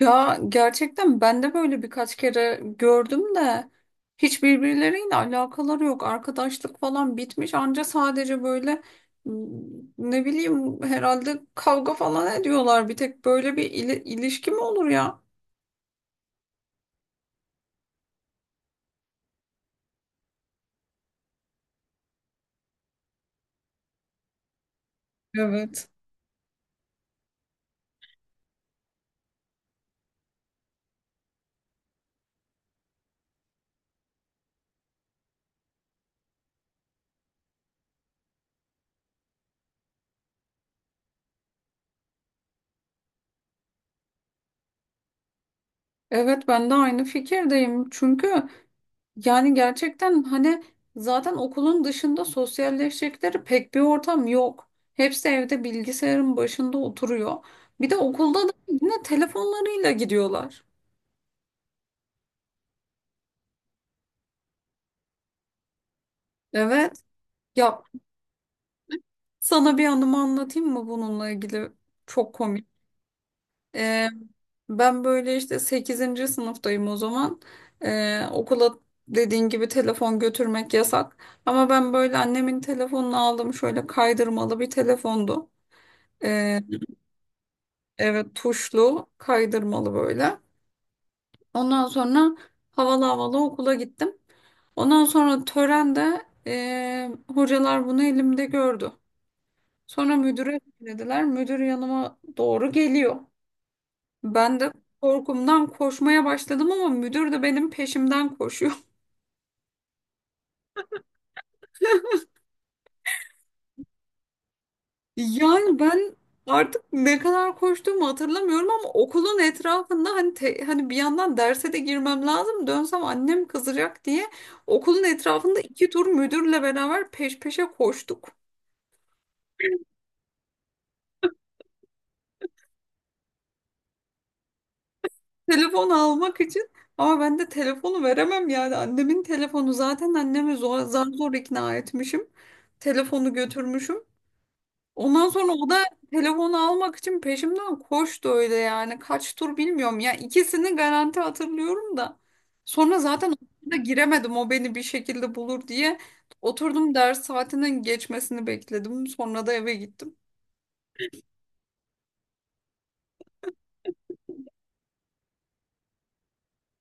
Ya gerçekten ben de böyle birkaç kere gördüm de hiç birbirleriyle alakaları yok. Arkadaşlık falan bitmiş anca sadece böyle m, ne bileyim herhalde kavga falan ediyorlar. Bir tek böyle bir ilişki mi olur ya? Evet. Evet ben de aynı fikirdeyim. Çünkü yani gerçekten hani zaten okulun dışında sosyalleşecekleri pek bir ortam yok. Hepsi evde bilgisayarın başında oturuyor. Bir de okulda da yine telefonlarıyla gidiyorlar. Evet. Ya sana bir anımı anlatayım mı bununla ilgili? Çok komik. Ee, ben böyle işte sekizinci sınıftayım o zaman. Okula dediğin gibi telefon götürmek yasak. Ama ben böyle annemin telefonunu aldım. Şöyle kaydırmalı bir telefondu. Evet, tuşlu kaydırmalı böyle. Ondan sonra havalı havalı okula gittim. Ondan sonra törende hocalar bunu elimde gördü. Sonra müdüre dediler. Müdür yanıma doğru geliyor. Ben de korkumdan koşmaya başladım ama müdür de benim peşimden koşuyor. Yani ben artık ne kadar koştuğumu hatırlamıyorum ama okulun etrafında hani hani bir yandan derse de girmem lazım dönsem annem kızacak diye okulun etrafında iki tur müdürle beraber peş peşe koştuk. Telefon almak için ama ben de telefonu veremem, yani annemin telefonu, zaten annemi zar zor ikna etmişim. Telefonu götürmüşüm. Ondan sonra o da telefonu almak için peşimden koştu öyle yani. Kaç tur bilmiyorum ya. İkisini garanti hatırlıyorum da. Sonra zaten da giremedim, o beni bir şekilde bulur diye. Oturdum, ders saatinin geçmesini bekledim. Sonra da eve gittim.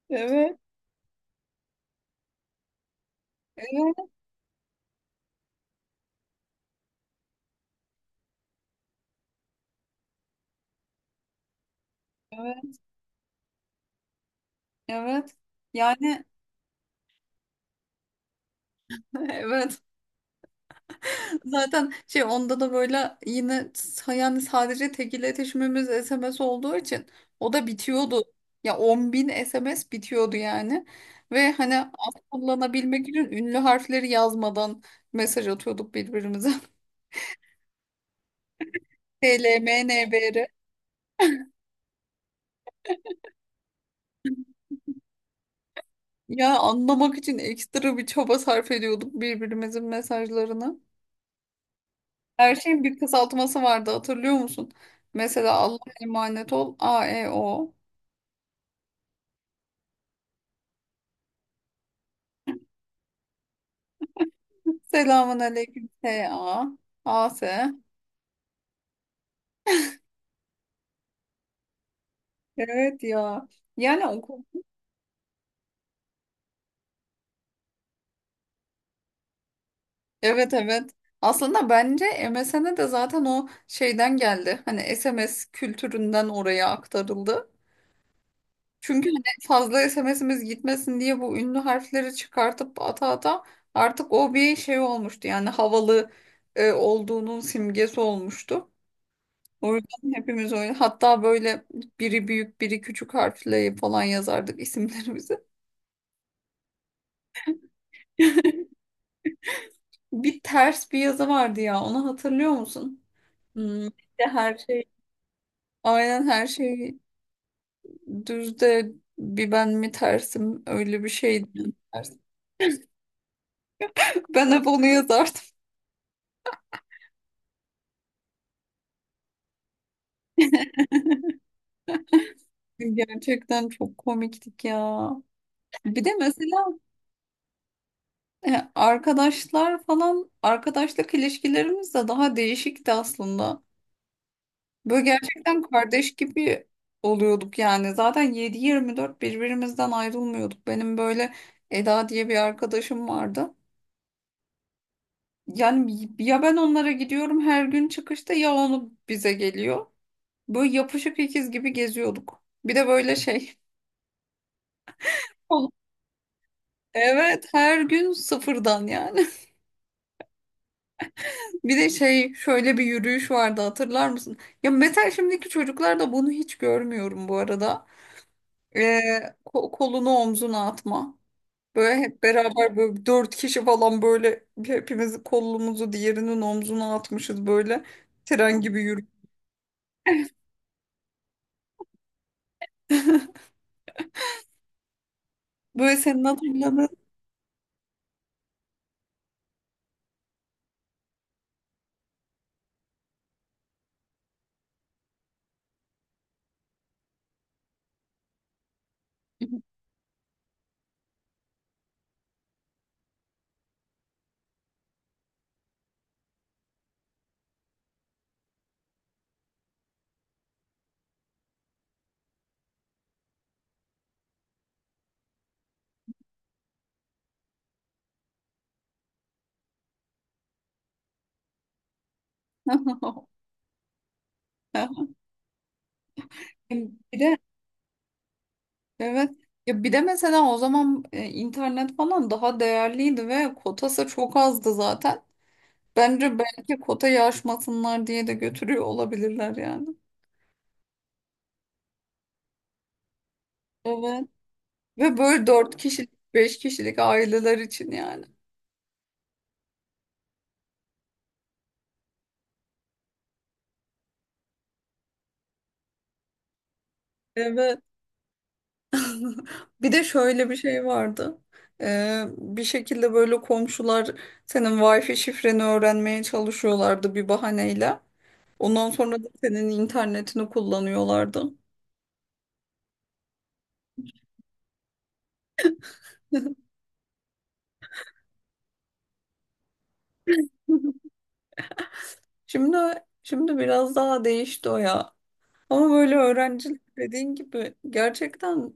Evet. Evet. Evet. Evet. Yani evet. Zaten şey onda da böyle yine yani sadece tek iletişimimiz SMS olduğu için o da bitiyordu. Ya 10.000 SMS bitiyordu yani. Ve hani az kullanabilmek için ünlü harfleri yazmadan mesaj atıyorduk birbirimize. TLMNBR. Ya anlamak için ekstra bir çaba sarf ediyorduk birbirimizin mesajlarını. Her şeyin bir kısaltması vardı, hatırlıyor musun? Mesela Allah'a emanet ol AEO. Selamun aleyküm S.A. A.S. Evet ya. Yani okul. Evet, evet. Aslında bence MSN'e de zaten o şeyden geldi. Hani SMS kültüründen oraya aktarıldı. Çünkü hani fazla SMS'imiz gitmesin diye bu ünlü harfleri çıkartıp ata ata artık o bir şey olmuştu. Yani havalı olduğunun simgesi olmuştu. O yüzden hepimiz öyle. Hatta böyle biri büyük biri küçük harfle falan yazardık isimlerimizi. Bir ters bir yazı vardı ya. Onu hatırlıyor musun? İşte her şey aynen her şey düz de bir ben mi tersim, öyle bir şeydi. Ters. Ben hep onu yazardım. Gerçekten çok komiktik ya. Bir de mesela arkadaşlar falan arkadaşlık ilişkilerimiz de daha değişikti aslında. Böyle gerçekten kardeş gibi oluyorduk yani. Zaten 7/24 birbirimizden ayrılmıyorduk. Benim böyle Eda diye bir arkadaşım vardı. Yani ya ben onlara gidiyorum her gün çıkışta ya onu bize geliyor. Böyle yapışık ikiz gibi geziyorduk. Bir de böyle şey. Evet, her gün sıfırdan yani. Bir de şey şöyle bir yürüyüş vardı, hatırlar mısın? Ya mesela şimdiki çocuklarda bunu hiç görmüyorum bu arada. Ee, kolunu omzuna atma. Böyle hep beraber böyle dört kişi falan böyle hepimiz kolumuzu diğerinin omzuna atmışız böyle tren gibi yürü. Böyle senin hatırladığın. Bir de evet ya, bir de mesela o zaman internet falan daha değerliydi ve kotası çok azdı zaten. Bence belki kotayı aşmasınlar diye de götürüyor olabilirler yani. Evet. Ve böyle dört kişilik, beş kişilik aileler için yani. Evet. Bir de şöyle bir şey vardı. Bir şekilde böyle komşular senin Wi-Fi şifreni öğrenmeye çalışıyorlardı bir bahaneyle. Ondan sonra da senin internetini kullanıyorlardı. Şimdi şimdi biraz daha değişti o ya. Ama böyle öğrencilik dediğin gibi gerçekten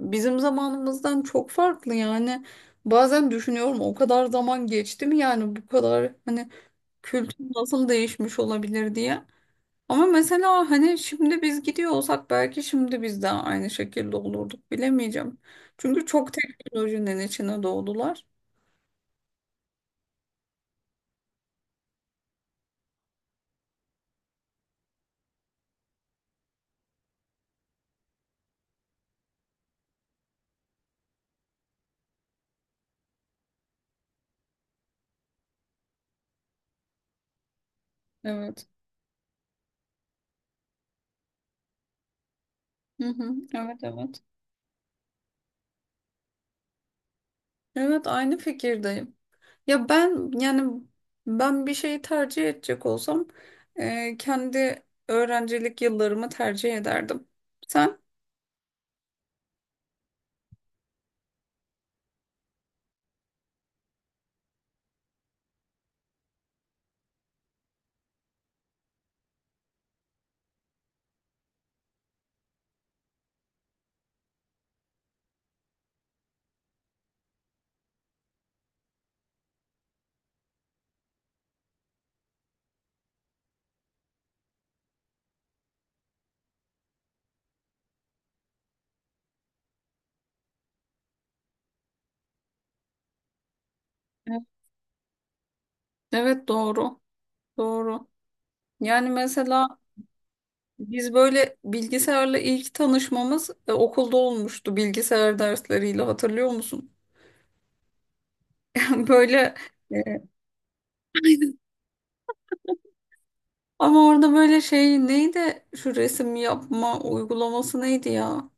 bizim zamanımızdan çok farklı yani. Bazen düşünüyorum o kadar zaman geçti mi yani bu kadar hani kültür nasıl değişmiş olabilir diye. Ama mesela hani şimdi biz gidiyor olsak belki şimdi biz de aynı şekilde olurduk, bilemeyeceğim. Çünkü çok teknolojinin içine doğdular. Evet. Hı hı. Evet, evet. Evet, aynı fikirdeyim. Ya ben yani ben bir şeyi tercih edecek olsam kendi öğrencilik yıllarımı tercih ederdim. Sen? Evet. Evet, doğru. Doğru. Yani mesela biz böyle bilgisayarla ilk tanışmamız okulda olmuştu bilgisayar dersleriyle, hatırlıyor musun? Böyle e, ama orada böyle şey neydi, şu resim yapma uygulaması neydi ya?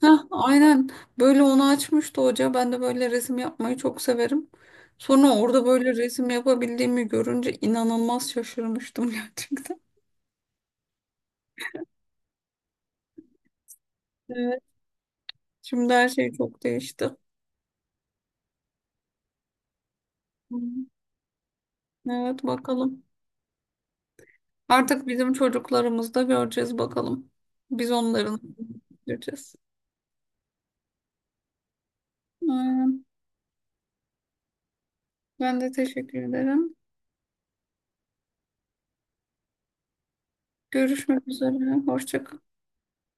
Heh, aynen, böyle onu açmıştı hoca. Ben de böyle resim yapmayı çok severim. Sonra orada böyle resim yapabildiğimi görünce inanılmaz şaşırmıştım gerçekten. Evet. Şimdi her şey çok değişti. Hı. Evet, bakalım. Artık bizim çocuklarımız da göreceğiz bakalım. Biz onların göreceğiz. Aynen. Ben de teşekkür ederim. Görüşmek üzere. Hoşça kalın.